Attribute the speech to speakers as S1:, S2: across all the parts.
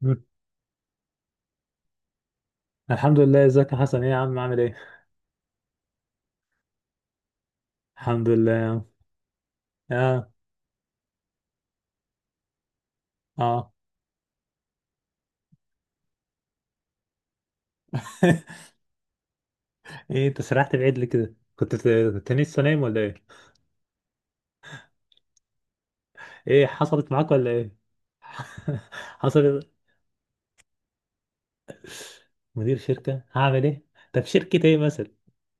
S1: مم. الحمد لله، ازيك يا حسن؟ ايه يا عم، عامل ايه؟ الحمد لله يا عم. اه. اه. ايه، انت سرحت بعيد ليه كده؟ كنت لسه نايم ولا ايه؟ ايه، حصلت معاك ولا ايه؟ حصلت. مدير شركة هعمل ايه؟ طب شركة ايه مثلا؟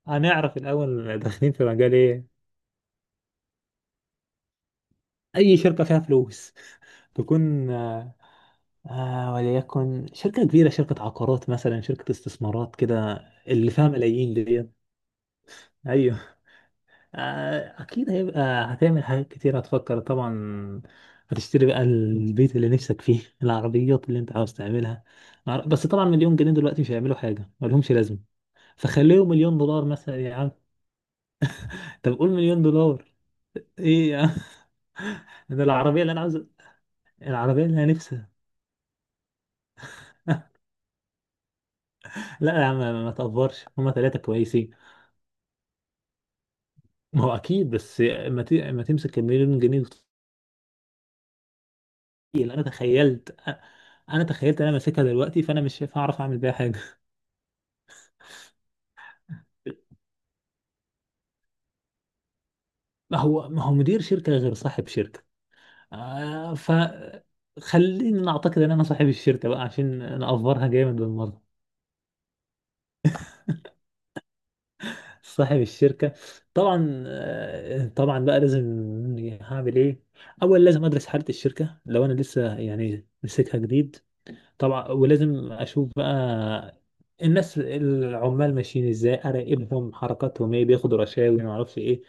S1: هنعرف الاول داخلين في مجال ايه. اي شركة فيها فلوس تكون وليكن شركة كبيرة، شركة عقارات مثلا، شركة استثمارات كده. اللي فيها ملايين دي. اكيد هيبقى هتعمل حاجات كتير، هتفكر طبعا. هتشتري بقى البيت اللي نفسك فيه، العربيات اللي انت عاوز تعملها. بس طبعا مليون جنيه دلوقتي مش هيعملوا حاجه، مالهمش لازمه. فخليهم مليون دولار مثلا يا عم. طب قول مليون دولار. ايه يا عم؟ ده العربيه اللي انا عاوز، العربيه اللي انا نفسي. لا يا عم، ما تقفرش، هما 3 كويسين. ما هو اكيد، بس. ما تمسك المليون جنيه وتطير. انا تخيلت انا تخيلت انا ماسكها دلوقتي، فانا مش هعرف اعمل بيها حاجه. ما هو مدير شركة غير صاحب شركة. فخليني نعتقد ان انا صاحب الشركة بقى عشان نأفرها جامد بالمرة. صاحب الشركة، طبعا، طبعا بقى لازم هعمل ايه. اول لازم ادرس حالة الشركة لو انا لسه يعني ماسكها جديد. طبعا ولازم اشوف بقى الناس العمال ماشيين ازاي، اراقبهم حركاتهم ايه، بياخدوا رشاوي، ما اعرفش ايه.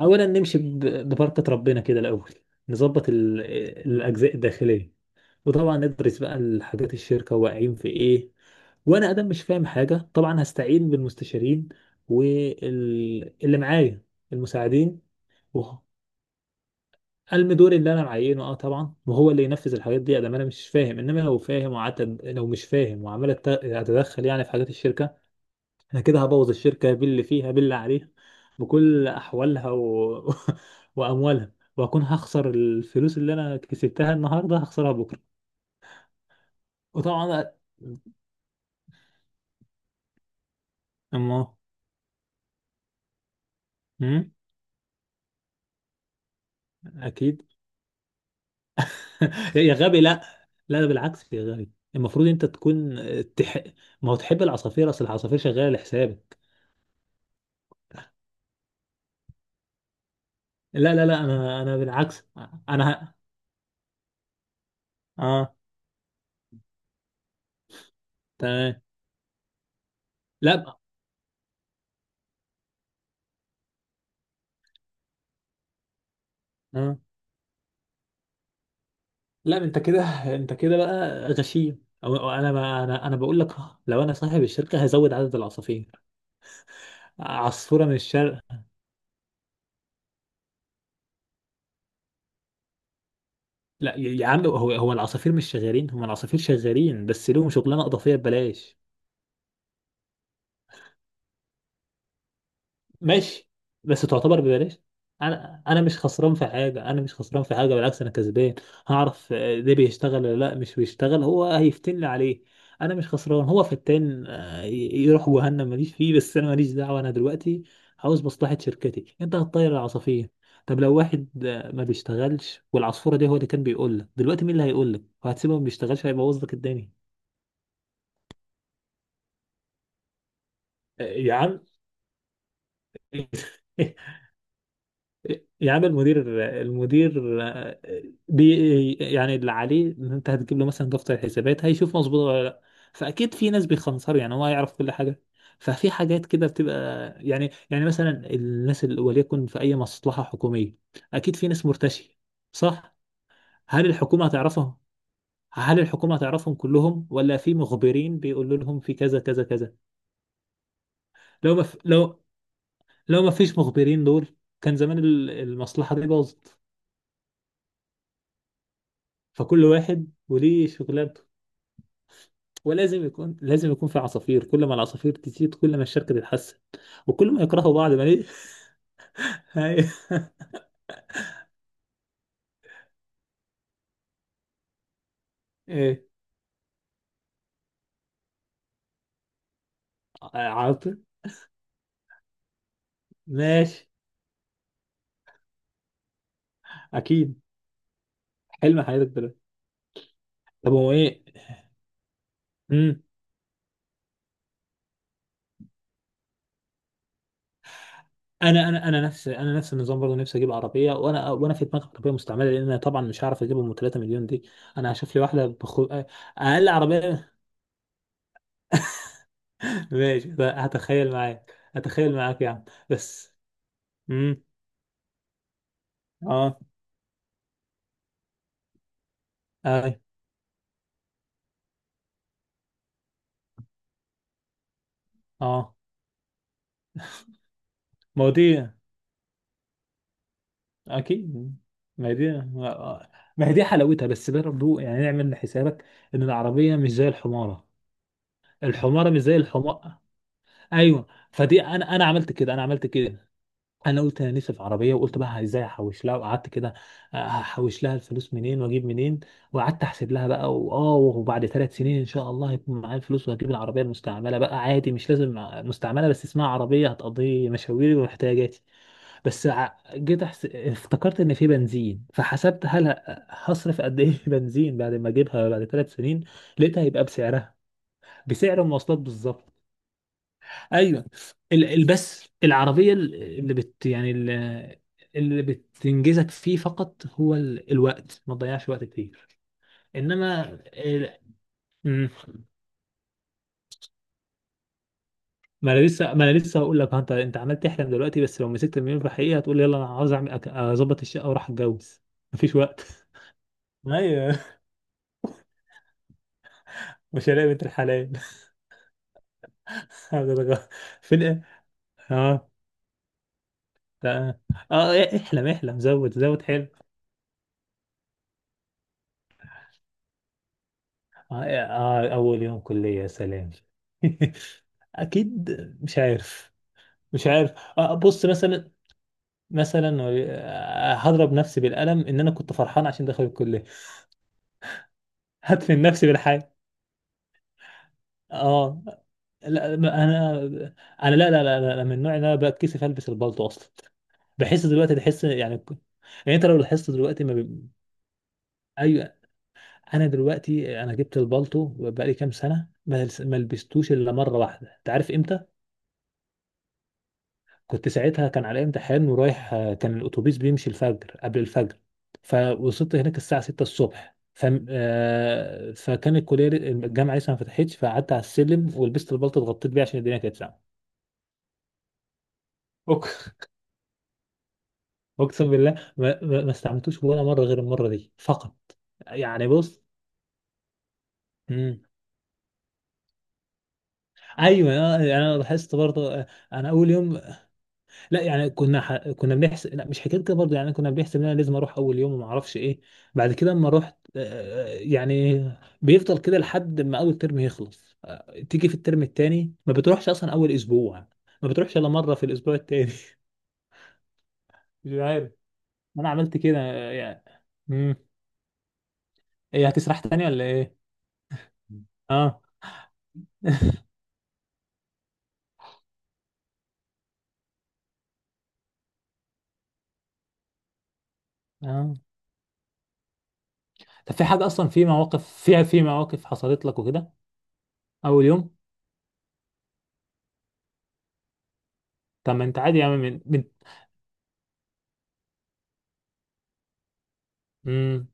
S1: اولا نمشي ببركة ربنا كده الاول. نظبط الاجزاء الداخلية. وطبعا ندرس بقى الحاجات الشركة واقعين في ايه. وانا ادم مش فاهم حاجة، طبعا هستعين بالمستشارين واللي معايا، المساعدين. المي دوري اللي انا معينه، اه طبعا، وهو اللي ينفذ الحاجات دي ادام انا مش فاهم، انما لو فاهم وقعدت، لو مش فاهم وعمال اتدخل يعني في حاجات الشركه، انا كده هبوظ الشركه باللي فيها باللي عليها بكل احوالها واموالها، واكون هخسر الفلوس اللي انا كسبتها النهارده هخسرها بكره. وطبعا. اما أمم، اكيد. يا غبي، لا. لا، ده بالعكس يا غبي، المفروض انت تكون تح... ما هو تحب العصافير، اصل العصافير شغاله لحسابك. لا لا لا، انا بالعكس. انا ه... اه، تمام. لا. آه. لا، انت كده، انت كده بقى غشيم، أو انا بقى، انا بقول لك لو انا صاحب الشركه هزود عدد العصافير. عصفوره من الشرق. لا يا عم، هو العصافير مش شغالين، هم العصافير شغالين بس لهم شغلانه اضافيه ببلاش. ماشي. بس تعتبر ببلاش. انا مش خسران في حاجه، انا مش خسران في حاجه، بالعكس انا كسبان. هعرف ده بيشتغل ولا لا، مش بيشتغل، هو هيفتن لي عليه. انا مش خسران، هو فتان، يروح جهنم ماليش فيه، بس انا ماليش دعوه، انا دلوقتي عاوز مصلحه شركتي، انت هتطير العصافير. طب لو واحد ما بيشتغلش والعصفوره دي هو اللي كان بيقول لك دلوقتي، مين اللي هيقول لك وهتسيبه ما بيشتغلش؟ هيبوظ لك الدنيا. يا عم. يا عم المدير، المدير آه، بي يعني اللي عليه ان انت هتجيب له مثلا دفتر الحسابات، هيشوف مظبوط ولا لا. فاكيد في ناس بيخنصروا، يعني هو يعرف كل حاجه. ففي حاجات كده بتبقى يعني مثلا، الناس اللي وليكن في اي مصلحه حكوميه اكيد في ناس مرتشيه، صح. هل الحكومه هتعرفهم؟ هل الحكومه هتعرفهم كلهم، ولا في مخبرين بيقولوا لهم في كذا كذا كذا؟ لو ما في لو لو ما فيش مخبرين دول، كان زمان المصلحه دي باظت. فكل واحد وليه شغلانته. ولازم يكون في عصافير، كل ما العصافير تزيد كل ما الشركة تتحسن، وكل ما يكرهوا بعض ما ليه. هاي- ايه، عاطل. ماشي. اكيد حلم حياتك دلوقتي. طب هو ايه؟ امم انا نفس النظام برضه، نفسي اجيب عربيه، وانا في دماغي عربيه مستعمله، لان انا طبعا مش هعرف اجيبهم 3 مليون دي. انا هشوف لي واحده اقل عربيه. ماشي، هتخيل معاك يعني، بس. امم اه. اي. اه. ما هو دي. اكيد. ما هي دي، ما هي دي حلاوتها، بس برضه يعني نعمل حسابك ان العربيه مش زي الحماره، الحماره مش زي الحمار. ايوه. فدي، انا عملت كده، انا عملت كده. انا قلت انا نفسي في عربيه، وقلت بقى ازاي احوش لها، وقعدت كده احوش لها الفلوس منين واجيب منين. وقعدت احسب لها بقى، وبعد 3 سنين ان شاء الله هيكون معايا الفلوس، وهجيب العربيه المستعمله بقى عادي، مش لازم. مستعمله، بس اسمها عربيه، هتقضي مشاويري واحتياجاتي. بس جيت افتكرت ان في بنزين، فحسبت هصرف قد ايه في بنزين بعد ما اجيبها بعد 3 سنين، لقيتها هيبقى بسعرها، بسعر المواصلات بالظبط. ايوه. بس العربيه اللي اللي بتنجزك فيه فقط هو الوقت، ما تضيعش وقت كتير. انما مم. ما انا لسه هقول لك، ها انت عمال تحلم دلوقتي، بس لو مسكت المليون في الحقيقه هتقول: يلا انا عاوز اعمل، اظبط الشقه واروح اتجوز. مفيش وقت. ايوه. مش هلاقي بنت الحلال. هتتغ- في الآ- اه، لا، احلم احلم، زود زود حلم. آه, إيه، آه اول يوم كلية، يا سلام! اكيد. مش عارف. مش عارف. بص مثلا، مثلا، هضرب نفسي بالقلم ان انا كنت فرحان عشان دخل الكلية. هدفن نفسي بالحياة. اه. لا، ما انا، انا لا لا لا, لا لا، من النوع اللي انا بتكسف البس البلطو اصلا. بحس دلوقتي، تحس يعني، يعني انت لو لاحظت دلوقتي ما بي... اي. انا دلوقتي، انا جبت البالطو بقالي كام سنه، ما لبستوش الا مره واحده، انت عارف امتى؟ كنت ساعتها، كان علي امتحان ورايح، كان الاتوبيس بيمشي الفجر قبل الفجر، فوصلت هناك الساعه 6 الصبح، ف آه، فكان الكليه الجامعه لسه ما فتحتش، فقعدت على السلم، ولبست البلطو اتغطيت بيه عشان الدنيا كانت ساقعه. أق- اقسم بالله ما استعملتوش ولا مره غير المره دي فقط. يعني بص. مم. ايوه، يعني انا لاحظت برضه، انا اول يوم، لا يعني كنا بنحسب، لا مش حكايه كده برضه، يعني كنا بنحسب ان انا لازم اروح اول يوم وما اعرفش ايه. بعد كده اما رحت، يعني بيفضل كده لحد ما اول ترم يخلص، تيجي في الترم التاني ما بتروحش اصلا اول اسبوع، ما بتروحش الا مره في الاسبوع التاني. مش عارف. انا عملت كده، يعني. امم ايه، هتسرح تاني ولا ايه؟ اه. اه. طب في حاجه اصلا، في مواقف فيها، في مواقف حصلت لك وكده، اول يوم. طب ما انت عادي يا عم، من، من.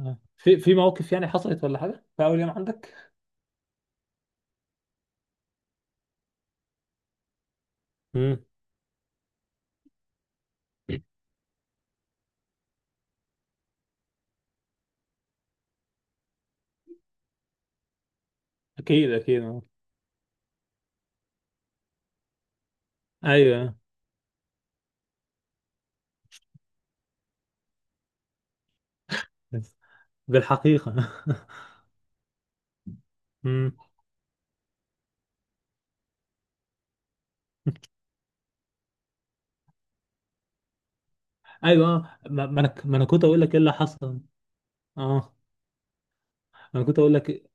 S1: في مواقف يعني حصلت ولا حاجة في أول يوم عندك؟ مم. أكيد، أكيد، آه. أيوه. بالحقيقة. مم. أيوه، ما أنا كنت أقول لك إيه اللي حصل. أه أنا كنت أقول لك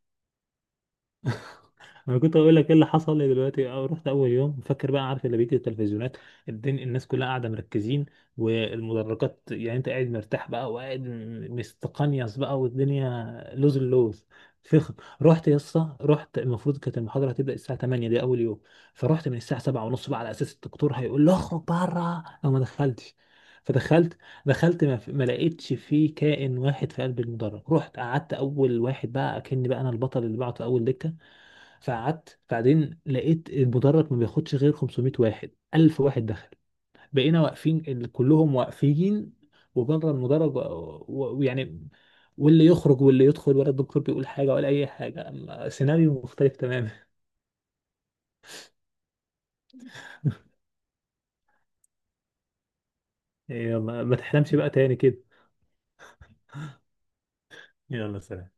S1: انا كنت اقول لك ايه اللي حصل لي دلوقتي. رحت اول يوم، فاكر بقى، عارف اللي بيجي التلفزيونات، الدنيا، الناس كلها قاعده مركزين، والمدرجات، يعني انت قاعد مرتاح بقى، وقاعد مستقنيص بقى، والدنيا لوز اللوز، فخم. رحت، المفروض كانت المحاضره هتبدا الساعه 8، دي اول يوم، فرحت من الساعه 7 ونص بقى على اساس الدكتور هيقول له اخرج بره لو ما دخلتش. فدخلت، دخلت، ما لقيتش فيه كائن واحد في قلب المدرج، رحت قعدت اول واحد، بقى اكني بقى انا البطل اللي بعته اول دكه. فقعدت، بعدين لقيت المدرج ما بياخدش غير 500 واحد، 1000 واحد دخل، بقينا واقفين، كلهم واقفين، وبره المدرج، ويعني، واللي يخرج واللي يدخل، ولا الدكتور بيقول حاجة ولا أي حاجة، أما سيناريو مختلف تماما. يلا، ما تحلمش بقى تاني كده. يلا سلام.